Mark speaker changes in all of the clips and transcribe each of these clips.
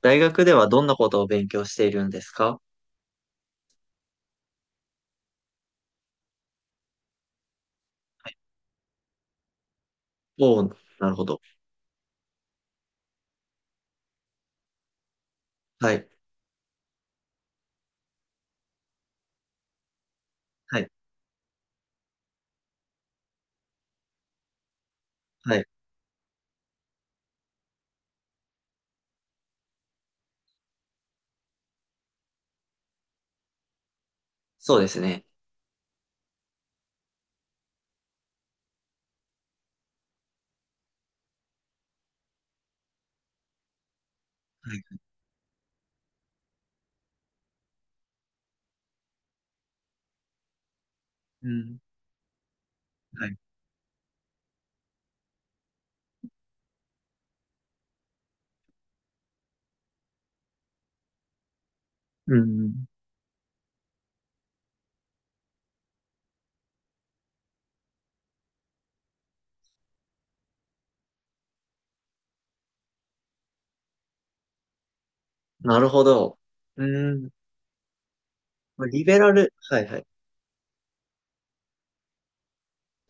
Speaker 1: 大学ではどんなことを勉強しているんですか？はい。おお、なるほど。はい。はい。はい。そうですね。はい。うん。はい。うん。なるほど。うん。リベラル、はいはい。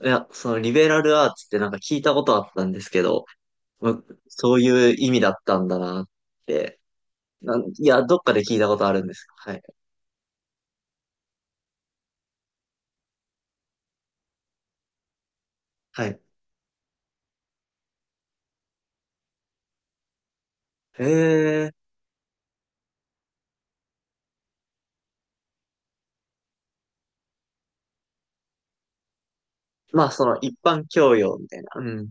Speaker 1: いや、そのリベラルアーツってなんか聞いたことあったんですけど、む、そういう意味だったんだなって。いや、どっかで聞いたことあるんです。はい。はい。へえ。まあ、その一般教養みたいな。うん。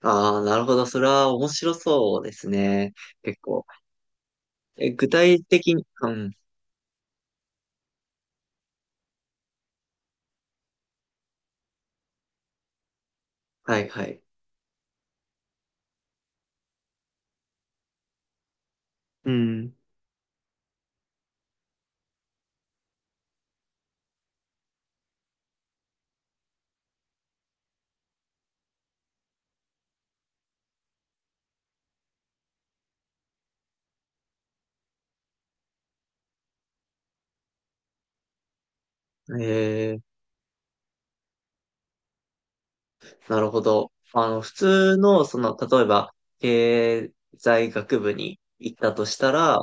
Speaker 1: ああ、なるほど。それは面白そうですね。結構。え、具体的に、うん、はいはい。うん。ええ、なるほど。普通の、例えば、経済学部に行ったとしたら、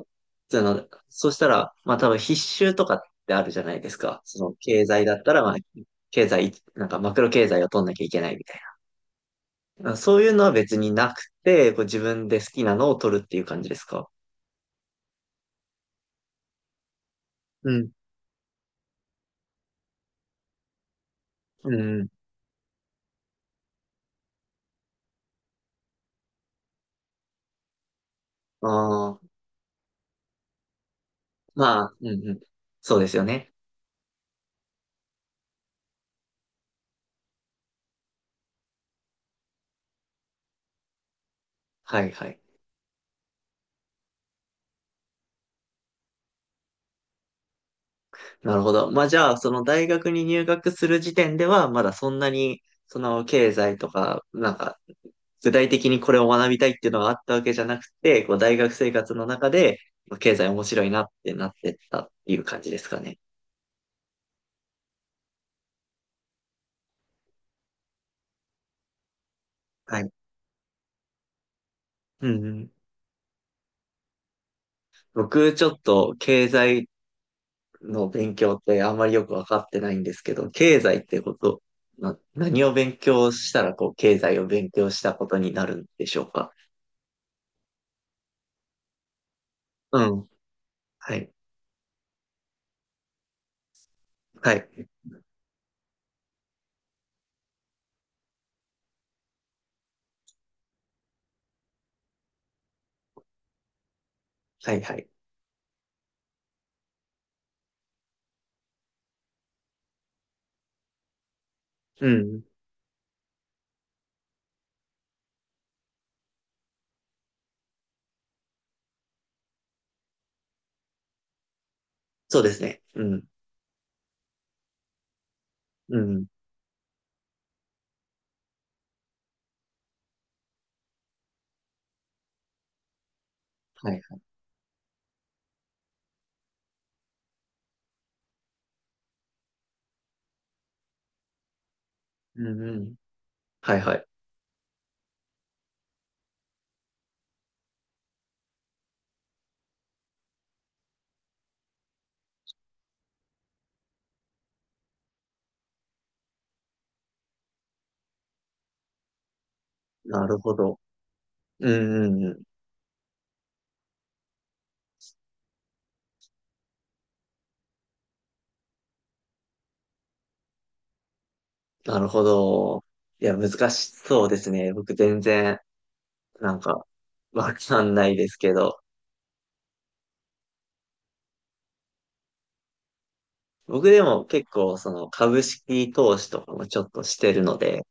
Speaker 1: その、そしたら、まあ多分必修とかってあるじゃないですか。経済だったら、まあ、経済、なんかマクロ経済を取んなきゃいけないみたいな。そういうのは別になくて、こう自分で好きなのを取るっていう感じですか？うん。うんうん。ああ、まあ、うんうん。そうですよね。はいはい。なるほど。まあじゃあ、その大学に入学する時点では、まだそんなに、その経済とか、なんか、具体的にこれを学びたいっていうのがあったわけじゃなくて、こう大学生活の中で、まあ経済面白いなってなってったっていう感じですかね。はい。うんうん。僕、ちょっと経済の勉強ってあんまりよくわかってないんですけど、経済ってこと、何を勉強したら、こう、経済を勉強したことになるんでしょうか。うん。はい。はい。はい、はい。うん。そうですね。うん。うん。はいはい。うんうん。はいはい。なるほど。うんうんうん。なるほど。いや、難しそうですね。僕全然、なんか、わかんないですけど。僕でも結構、その、株式投資とかもちょっとしてるので、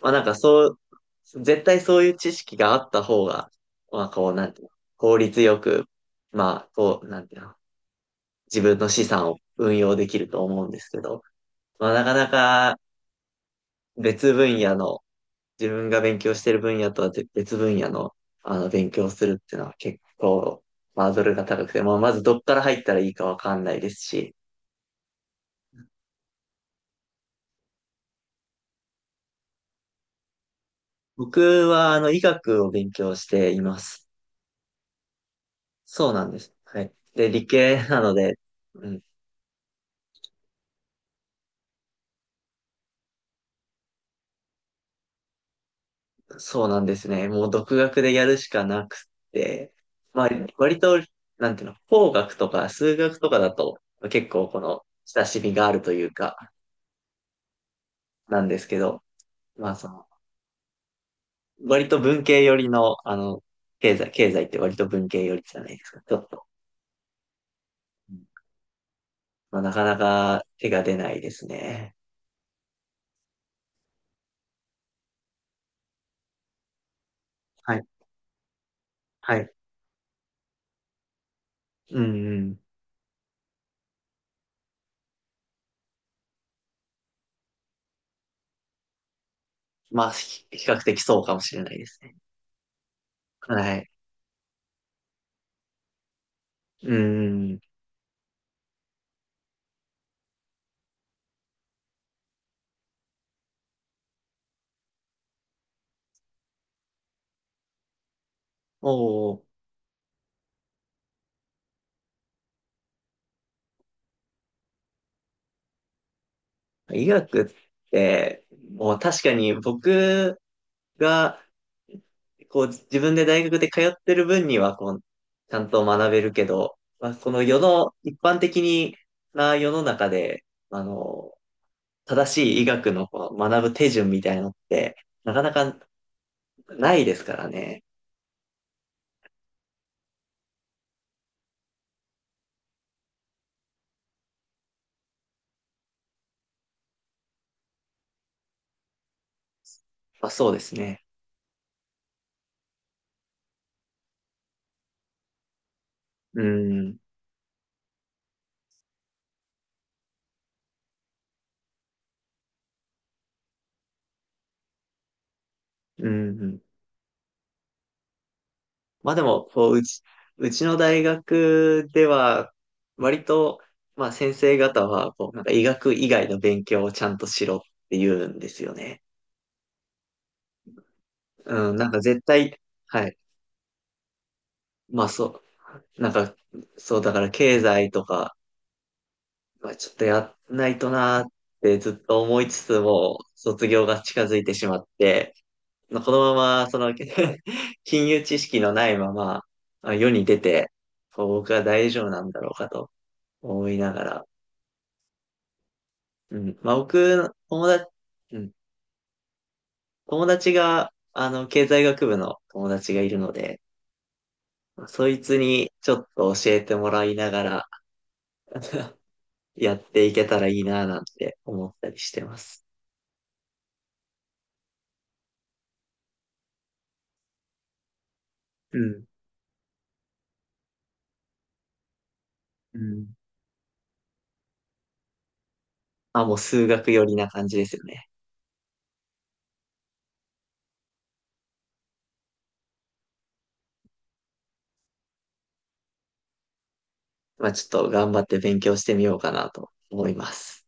Speaker 1: まあなんかそう、絶対そういう知識があった方が、まあこう、なんていうの、効率よく、まあ、こう、なんていうの、自分の資産を運用できると思うんですけど、まあなかなか、別分野の、自分が勉強してる分野とはぜ別分野の、あの、勉強するっていうのは結構、ハードルが高くて、まあ、まずどっから入ったらいいかわかんないですし、僕は、あの、医学を勉強しています。そうなんです。はい。で、理系なので、うん、そうなんですね。もう独学でやるしかなくて、まあ、割と、なんていうの、工学とか数学とかだと、結構この、親しみがあるというか、なんですけど、まあ、割と文系寄りの、あの、経済、経済って割と文系寄りじゃないですか、ちょっと。うん。まあ、なかなか手が出ないですね。はい、はい。うんうん。まあ、比較的そうかもしれないですね。はい。うんうん。おう、医学って、もう確かに僕が、こう、自分で大学で通ってる分には、こう、ちゃんと学べるけど、まあ、この世の、一般的な世の中で、あの、正しい医学のこう学ぶ手順みたいなのって、なかなかないですからね。まあそうですね。うん。うん。うん。まあでも、こう、うちの大学では、割と、まあ先生方は、こう、なんか医学以外の勉強をちゃんとしろって言うんですよね。うん、なんか絶対、はい。まあそう、なんか、そう、だから経済とか、まあちょっとやんないとなーってずっと思いつつも、卒業が近づいてしまって、このまま、その、金融知識のないまま、あ、世に出て、こう僕は大丈夫なんだろうかと思いながら。うん。まあ、僕、友達、うん。友達が、あの、経済学部の友達がいるので、そいつにちょっと教えてもらいながらやっていけたらいいな、なんて思ったりしてます。うん。うん。まあ、もう数学寄りな感じですよね。まあ、ちょっと頑張って勉強してみようかなと思います。